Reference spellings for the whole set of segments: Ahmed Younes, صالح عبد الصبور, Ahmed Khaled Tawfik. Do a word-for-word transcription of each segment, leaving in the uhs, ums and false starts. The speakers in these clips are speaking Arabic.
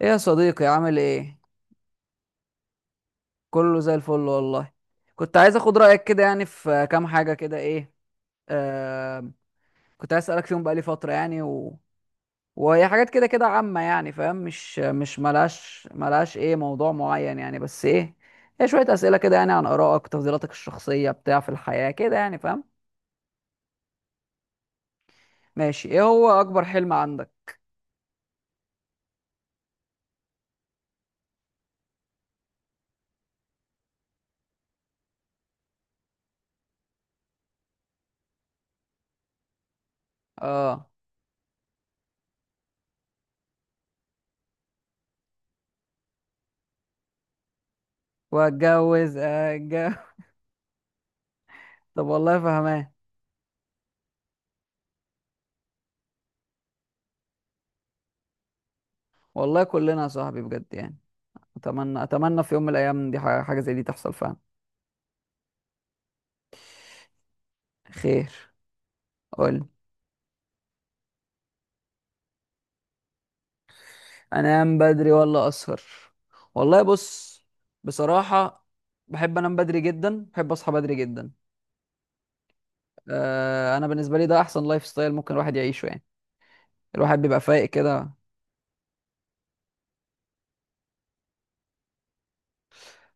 ايه يا صديقي، عامل ايه؟ كله زي الفل والله. كنت عايز اخد رايك كده، يعني في كام حاجه كده، ايه آه كنت عايز اسالك فيهم بقالي فتره يعني و... وهي حاجات كده كده عامه، يعني فاهم، مش مش ملهاش ملهاش ايه موضوع معين يعني، بس ايه. هي شويه اسئله كده، يعني عن ارائك، تفضيلاتك الشخصيه بتاع في الحياه كده يعني، فاهم. ماشي، ايه هو اكبر حلم عندك؟ اه. واتجوز اتجوز. طب والله فهمان. والله كلنا يا صاحبي بجد يعني. اتمنى، اتمنى في يوم من الايام دي ح- حاجه زي دي تحصل فعلا. خير. قول. انام بدري ولا اسهر؟ والله بص، بصراحه، بحب انام بدري جدا، بحب اصحى بدري جدا. آه انا بالنسبه لي ده احسن لايف ستايل ممكن الواحد يعيشه يعني. الواحد بيبقى فايق كده.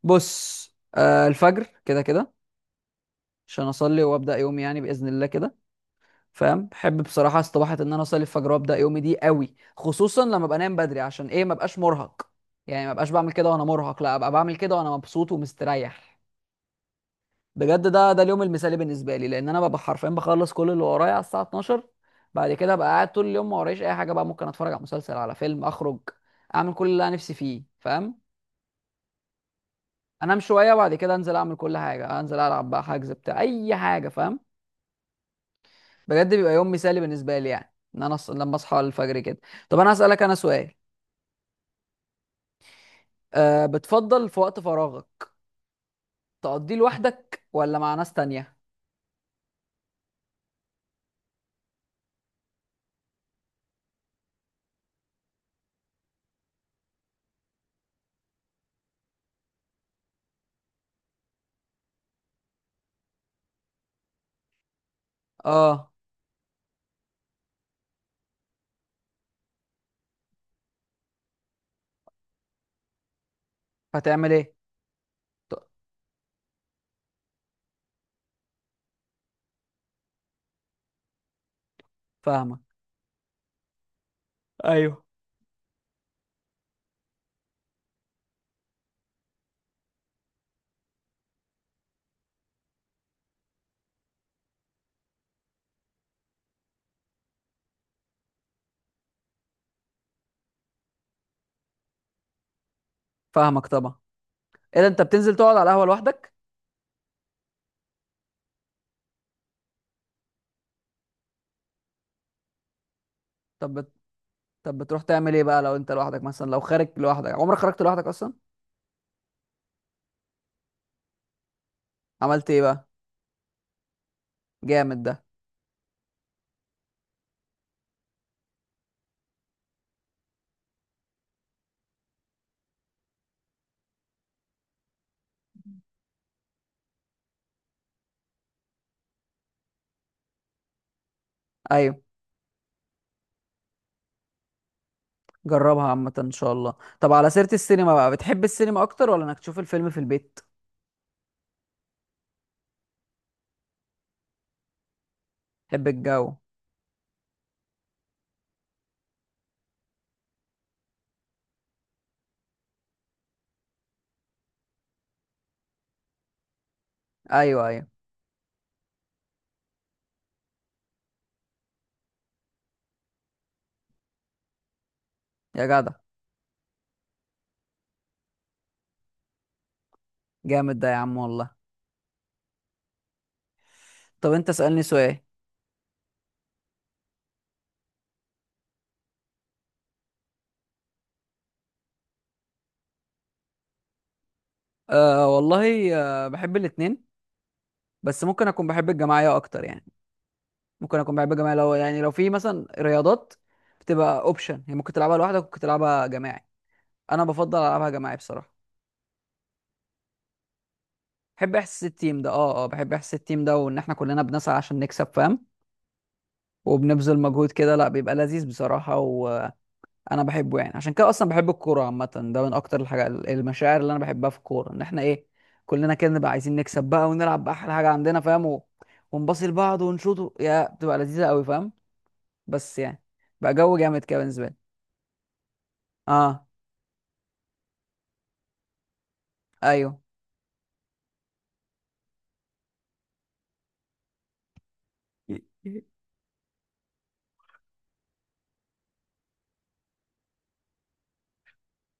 بص، آه الفجر كده كده عشان اصلي وابدا يومي يعني باذن الله كده. فاهم، بحب بصراحه استباحه ان انا اصلي الفجر وابدا يومي دي قوي، خصوصا لما ابقى نايم بدري، عشان ايه؟ ما ابقاش مرهق يعني. ما ابقاش بعمل كده وانا مرهق، لا ابقى بعمل كده وانا مبسوط ومستريح. بجد ده ده اليوم المثالي بالنسبه لي، لان انا ببقى حرفيا بخلص كل اللي ورايا على الساعه اتناشر. بعد كده ابقى قاعد طول اليوم، ما ورايش اي حاجه بقى، ممكن اتفرج على مسلسل، على فيلم، اخرج، اعمل كل اللي انا نفسي فيه فاهم. انام شويه وبعد كده انزل اعمل كل حاجه، انزل العب بقى حجز بتاع اي حاجه فاهم. بجد بيبقى يوم مثالي بالنسبه لي يعني، ان انا أص... لما اصحى الفجر كده. طب انا هسالك انا سؤال. أه، بتفضل في وقت فراغك تقضيه لوحدك ولا مع ناس تانية؟ اه. هتعمل ايه؟ ط- فاهمك. ايوه. فاهمك طبعا. ايه ده، انت بتنزل تقعد على القهوه لوحدك؟ طب بت... طب بتروح تعمل ايه بقى لو انت لوحدك، مثلا لو خارج لوحدك، عمرك خرجت لوحدك اصلا؟ عملت ايه بقى؟ جامد ده. ايوه. جربها عامه ان شاء الله. طب على سيره السينما بقى، بتحب السينما اكتر ولا انك تشوف الفيلم في البيت؟ تحب الجو. ايوه، ايوه. يا جدع، جامد ده يا عم والله. طب انت اسألني سؤال. أه والله. أه، بحب الاتنين، بس ممكن اكون بحب الجماعية اكتر يعني. ممكن اكون بحب الجماعية، لو يعني لو في مثلا رياضات بتبقى اوبشن، هي ممكن تلعبها لوحدك، ممكن تلعبها جماعي، انا بفضل العبها جماعي بصراحة. بحب احساس التيم ده، اه اه، بحب احساس التيم ده، وان احنا كلنا بنسعى عشان نكسب فاهم. وبنبذل مجهود كده، لا بيبقى لذيذ بصراحة و... انا بحبه يعني، عشان كده اصلا بحب الكوره عامه. ده من اكتر الحاجات، المشاعر اللي انا بحبها في الكوره، ان احنا ايه، كلنا كده نبقى عايزين نكسب بقى ونلعب باحلى حاجه عندنا فاهم. و- ونباصي لبعض ونشوط، يا بتبقى لذيذه قوي فاهم. بس يعني، بقى جو جامد كده بالنسبه لي. اه. ايوه،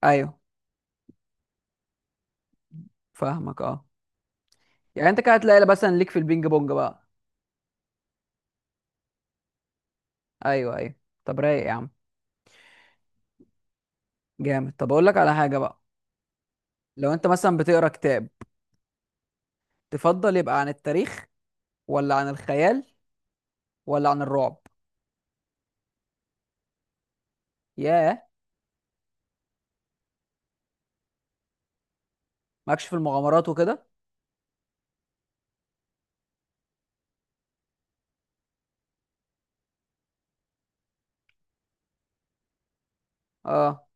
ايوه، فاهمك. اه يعني، انت كده هتلاقي مثلا ليك في البينج بونج بقى. ايوه، ايوه. طب رايق يا عم. جامد. طب اقول لك على حاجه بقى، لو انت مثلا بتقرا كتاب، تفضل يبقى عن التاريخ، ولا عن الخيال، ولا عن الرعب؟ ياه. ماكش في المغامرات وكده؟ اه.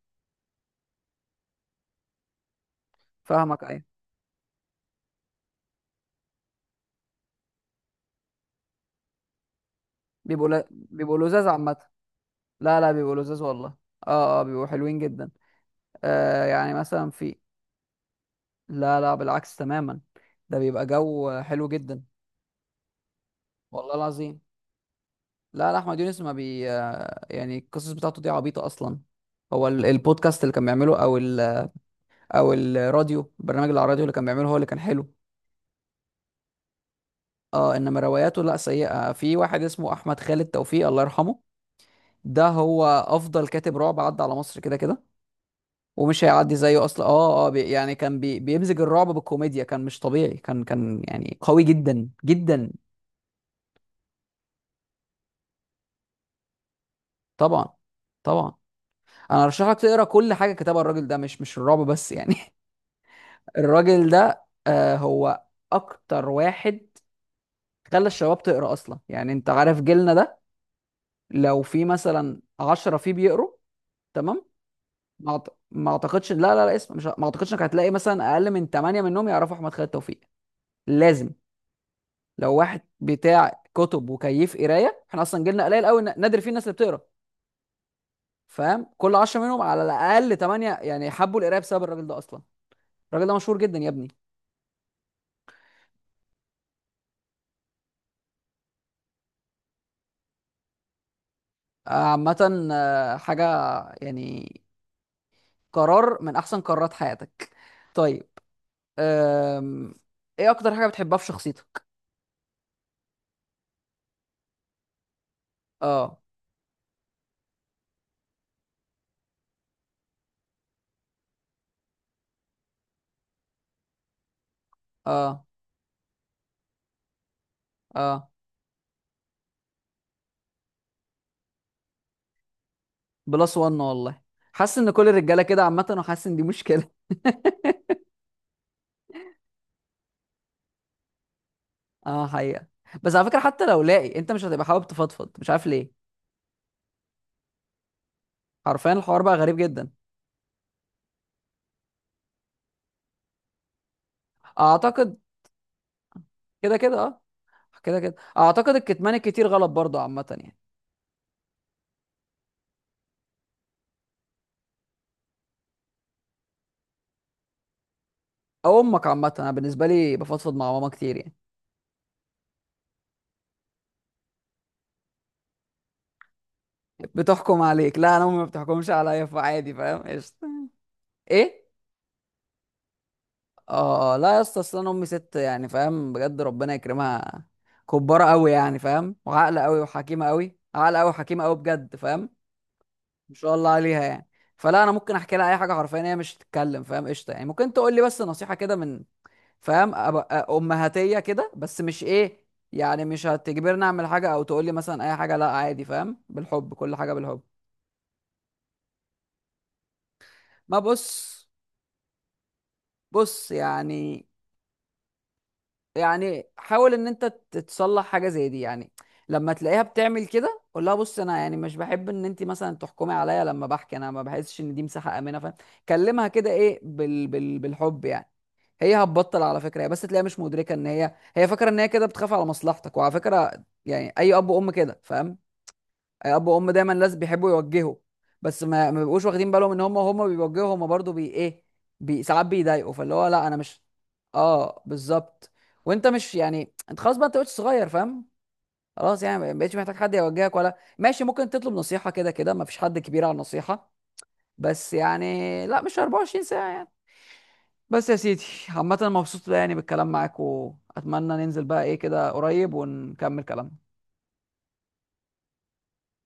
فاهمك ايوه. بيبقوا ل... بيبقوا لذاذ عامه. لا لا، بيبقوا لذاذ والله. اه اه، بيبقوا حلوين جدا. آه يعني مثلا في. لا لا، بالعكس تماما. ده بيبقى جو حلو جدا. والله العظيم. لا لا، احمد يونس ما بي آه، يعني القصص بتاعته دي عبيطه اصلا. هو ال- البودكاست اللي كان بيعمله او ال... او الراديو، البرنامج اللي على الراديو اللي كان بيعمله هو اللي كان حلو. اه، انما رواياته لا سيئه، في واحد اسمه احمد خالد توفيق الله يرحمه. ده هو افضل كاتب رعب عدى على مصر كده كده، ومش هيعدي زيه اصلا. اه اه، بي يعني كان بي بيمزج الرعب بالكوميديا، كان مش طبيعي، كان كان يعني قوي جدا جدا. طبعا، طبعا. انا ارشح لك تقرا كل حاجه كتبها الراجل ده، مش مش الرعب بس يعني. الراجل ده آه هو اكتر واحد خلى الشباب تقرا اصلا. يعني انت عارف جيلنا ده، لو في مثلا عشرة فيه بيقروا، تمام. ما أعت- ما اعتقدش، لا لا لا، اسم مش ما اعتقدش انك هتلاقي مثلا اقل من تمنية منهم يعرفوا احمد خالد توفيق. لازم. لو واحد بتاع كتب وكيف قرايه، احنا اصلا جيلنا قليل قوي، نادر فيه الناس اللي بتقرا فاهم. كل عشرة منهم على الاقل تمنية يعني حبوا القرايه بسبب الراجل ده اصلا. الراجل ده مشهور جدا يا ابني. آه، عامه آه، حاجه يعني، قرار من احسن قرارات حياتك. طيب. أم... ايه اكتر حاجه بتحبها في شخصيتك؟ اه اه اه. بلس وان والله. حاسس ان كل الرجاله كده عامه، وحاسس ان دي مشكله. اه حقيقه. بس على فكره، حتى لو لاقي انت مش هتبقى حابب تفضفض، مش عارف ليه. حرفيا الحوار بقى غريب جدا. اعتقد كده كده، اه. كده كده اعتقد الكتمان الكتير غلط برضه عامه يعني. او امك، عامه انا بالنسبه لي بفضفض مع ماما كتير يعني. بتحكم عليك؟ لا، انا امي ما بتحكمش عليا، فعادي فاهم، ايش ايه. اه، لا يا اسطى، اصل انا امي ست يعني فاهم، بجد ربنا يكرمها. كبارة قوي يعني فاهم، وعاقله قوي وحكيمه قوي، عاقله قوي وحكيمه قوي بجد فاهم. ما شاء الله عليها يعني. فلا انا ممكن احكي لها اي حاجه حرفيا، هي مش تتكلم فاهم، قشطه يعني. ممكن تقول لي بس نصيحه كده من، فاهم، أبقى امهاتيه كده، بس مش ايه يعني، مش هتجبرني اعمل حاجه، او تقول لي مثلا اي حاجه، لا عادي فاهم، بالحب كل حاجه بالحب. ما بص بص يعني، يعني حاول ان انت تتصلح حاجه زي دي يعني. لما تلاقيها بتعمل كده قول لها، بص انا يعني مش بحب ان انت مثلا تحكمي عليا، لما بحكي انا ما بحسش ان دي مساحه امنه فاهم. كلمها كده ايه، بال بال بالحب يعني. هي هتبطل على فكره، هي بس تلاقيها مش مدركه ان هي، هي فاكره ان هي كده بتخاف على مصلحتك، وعلى فكره يعني اي اب وام كده فاهم. اب وام دايما ناس بيحبوا يوجهوا، بس ما ما بيبقوش واخدين بالهم ان هم هم بيوجهوا، هم برضو بي ايه بي ساعات بيضايقوا، فاللي هو لا انا مش. اه بالظبط. وانت مش يعني، انت خلاص بقى، انت بقيت صغير فاهم. خلاص يعني ما بقتش محتاج حد يوجهك، ولا ماشي، ممكن تطلب نصيحة كده كده، ما فيش حد كبير على النصيحة. بس يعني لا مش اربعة وعشرين ساعة يعني. بس يا سيدي. عامة مبسوط يعني بالكلام معاك، واتمنى ننزل بقى ايه كده قريب، ونكمل كلامنا.